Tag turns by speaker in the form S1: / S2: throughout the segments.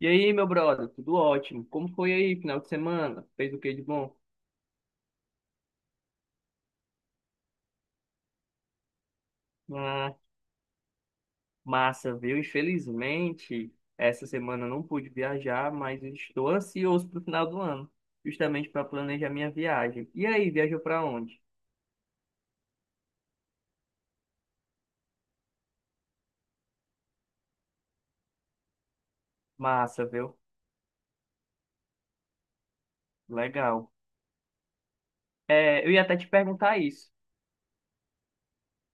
S1: E aí, meu brother, tudo ótimo? Como foi aí, final de semana? Fez o que de bom? Ah, massa, viu? Infelizmente, essa semana eu não pude viajar, mas estou ansioso para o final do ano, justamente para planejar minha viagem. E aí, viajou para onde? Massa, viu? Legal. É, eu ia até te perguntar isso.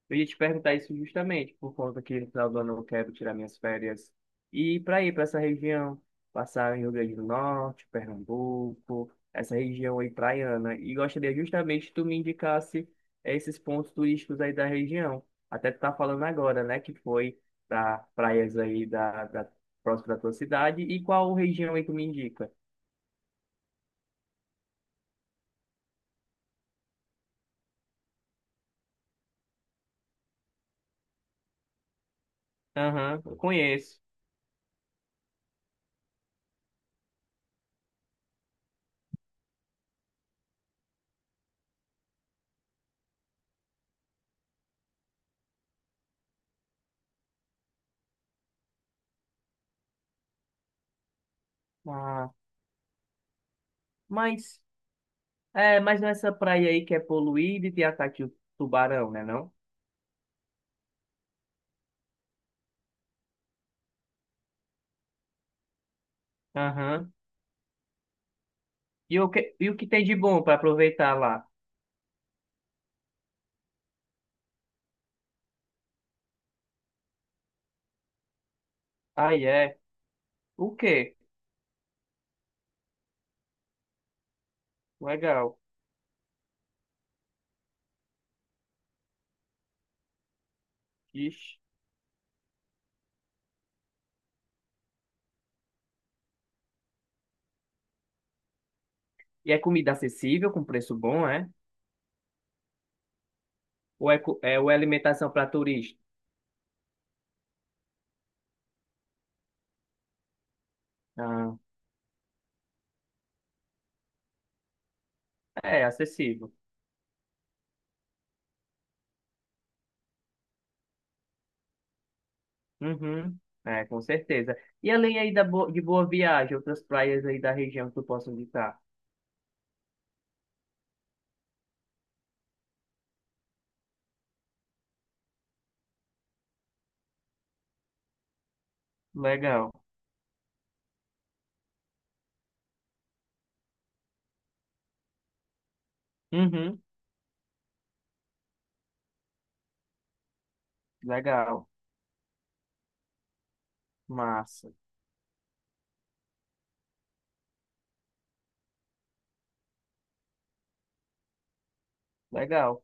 S1: Eu ia te perguntar isso justamente, por conta que no final do ano eu quero tirar minhas férias e ir para essa região, passar em Rio Grande do Norte, Pernambuco, essa região aí praiana. E gostaria justamente que tu me indicasse esses pontos turísticos aí da região. Até tu tá falando agora, né, que foi para praias aí da próxima da tua cidade. E qual região aí tu me indica? Aham, eu conheço. Ah, mas, mas nessa praia aí que é poluída e tem ataque de tubarão, né, não? Aham. E o que tem de bom para aproveitar lá? Ah, é. O quê? Legal. Ixi. E é comida acessível, com preço bom, é? Ou é alimentação para turista? Ah, é acessível. Uhum. É, com certeza. E além aí da bo de Boa Viagem, outras praias aí da região que tu possa visitar? Legal. Uhum. Legal. Massa. Legal.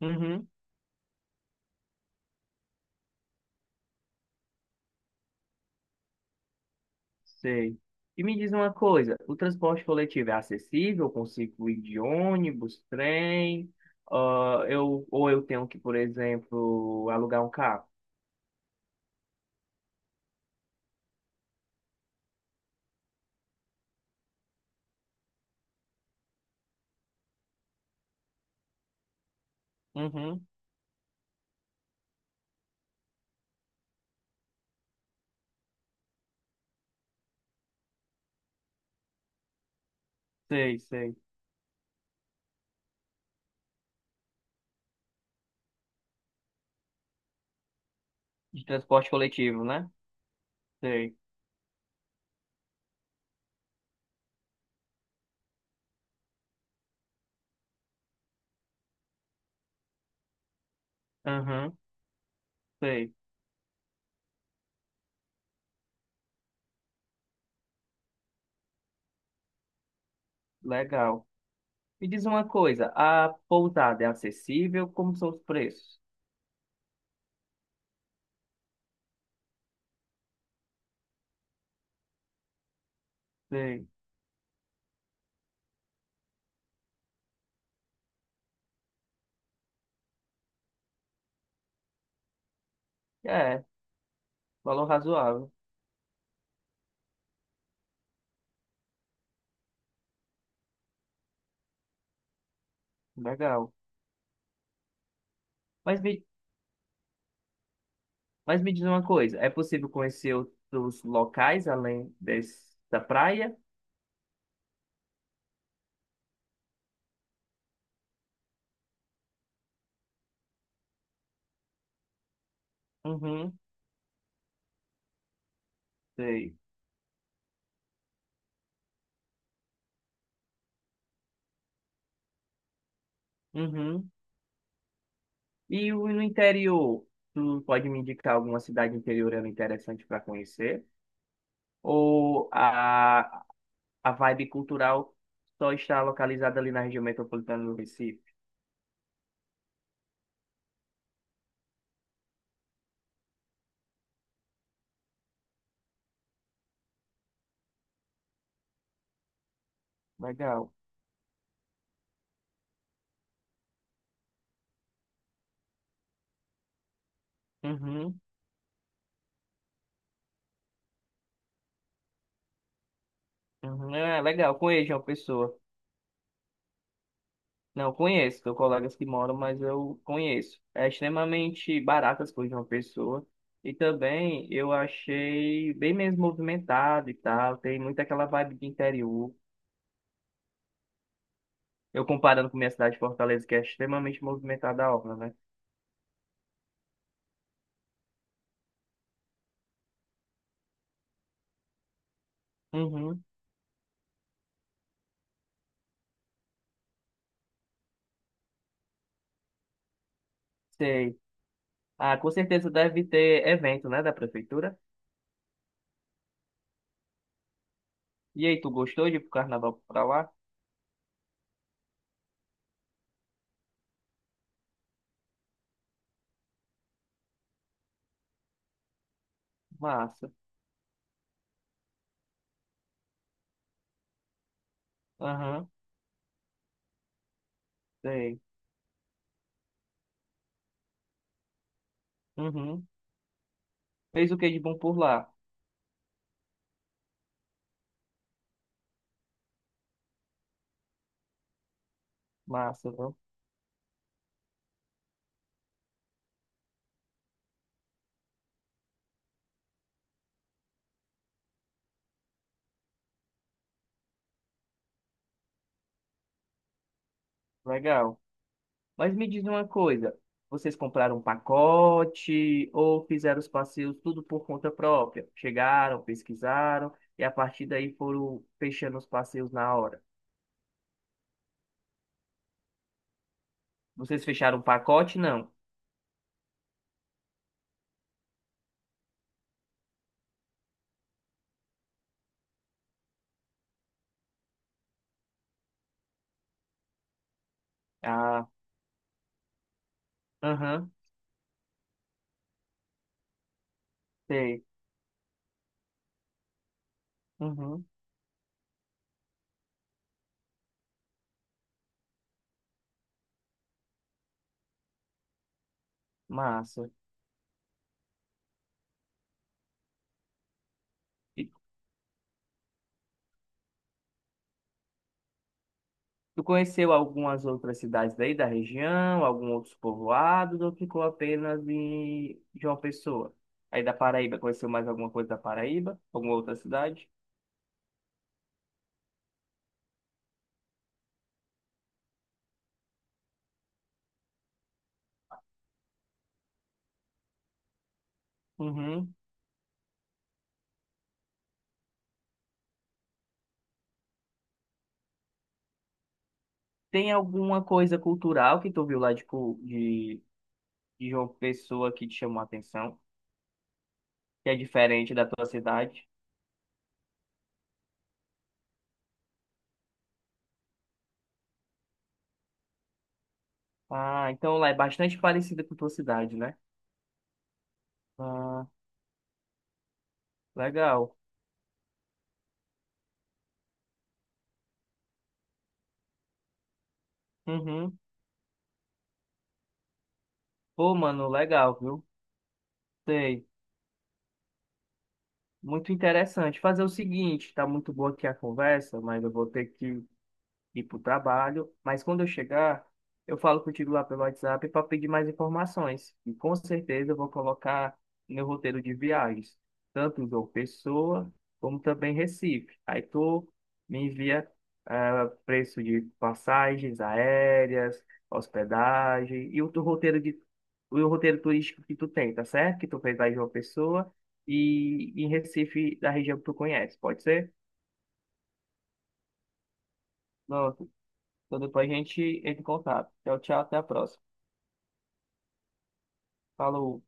S1: Uhum. Sei. E me diz uma coisa, o transporte coletivo é acessível? Eu consigo ir de ônibus, trem? Ou eu tenho que, por exemplo, alugar um carro? Uhum, sei, sei. De transporte coletivo, né? Sei. Uhum, sei. Legal. Me diz uma coisa, a pousada é acessível? Como são os preços? Sei. É, valor razoável. Legal. Mas me, Mas me diz uma coisa, é possível conhecer outros locais além dessa praia? Uhum, sei. Uhum. E no interior, tu pode me indicar alguma cidade interiorana interessante para conhecer? Ou a vibe cultural só está localizada ali na região metropolitana do Recife? Legal. Uhum, uhum. É legal, conheço uma pessoa. Não conheço, tenho colegas que moram, mas eu conheço. É extremamente barato as coisas de uma pessoa. E também eu achei bem menos movimentado e tal. Tem muito aquela vibe de interior. Eu comparando com minha cidade, Fortaleza, que é extremamente movimentada a obra, né? Uhum, sei. Ah, com certeza deve ter evento, né, da prefeitura. E aí, tu gostou de ir pro carnaval pra lá? Massa. Aham, sei. Uhum. Fez o que de bom por lá? Massa, viu? Legal. Mas me diz uma coisa, vocês compraram um pacote ou fizeram os passeios tudo por conta própria? Chegaram, pesquisaram e a partir daí foram fechando os passeios na hora. Vocês fecharam um pacote? Não. Ah, aham, sei. Uhum, massa. E tu conheceu algumas outras cidades daí da região, algum outros povoados ou ficou apenas em João Pessoa? Aí da Paraíba, conheceu mais alguma coisa da Paraíba? Alguma outra cidade? Uhum. Tem alguma coisa cultural que tu viu lá, tipo, de João Pessoa que te chamou a atenção, que é diferente da tua cidade? Ah, então lá é bastante parecida com a tua cidade, né? Ah, legal. Uhum. Pô, mano, legal, viu? Sei. Muito interessante. Fazer o seguinte, tá muito boa aqui a conversa, mas eu vou ter que ir para o trabalho, mas quando eu chegar, eu falo contigo lá pelo WhatsApp para pedir mais informações. E com certeza eu vou colocar meu roteiro de viagens, tanto João Pessoa, como também Recife. Aí tu me envia preço de passagens aéreas, hospedagem e o teu roteiro de o roteiro turístico que tu tem, tá certo? Que tu fez lá em João Pessoa e em Recife, da região que tu conhece, pode ser? Não. Então depois a gente entra em contato. Tchau, tchau, até a próxima. Falou.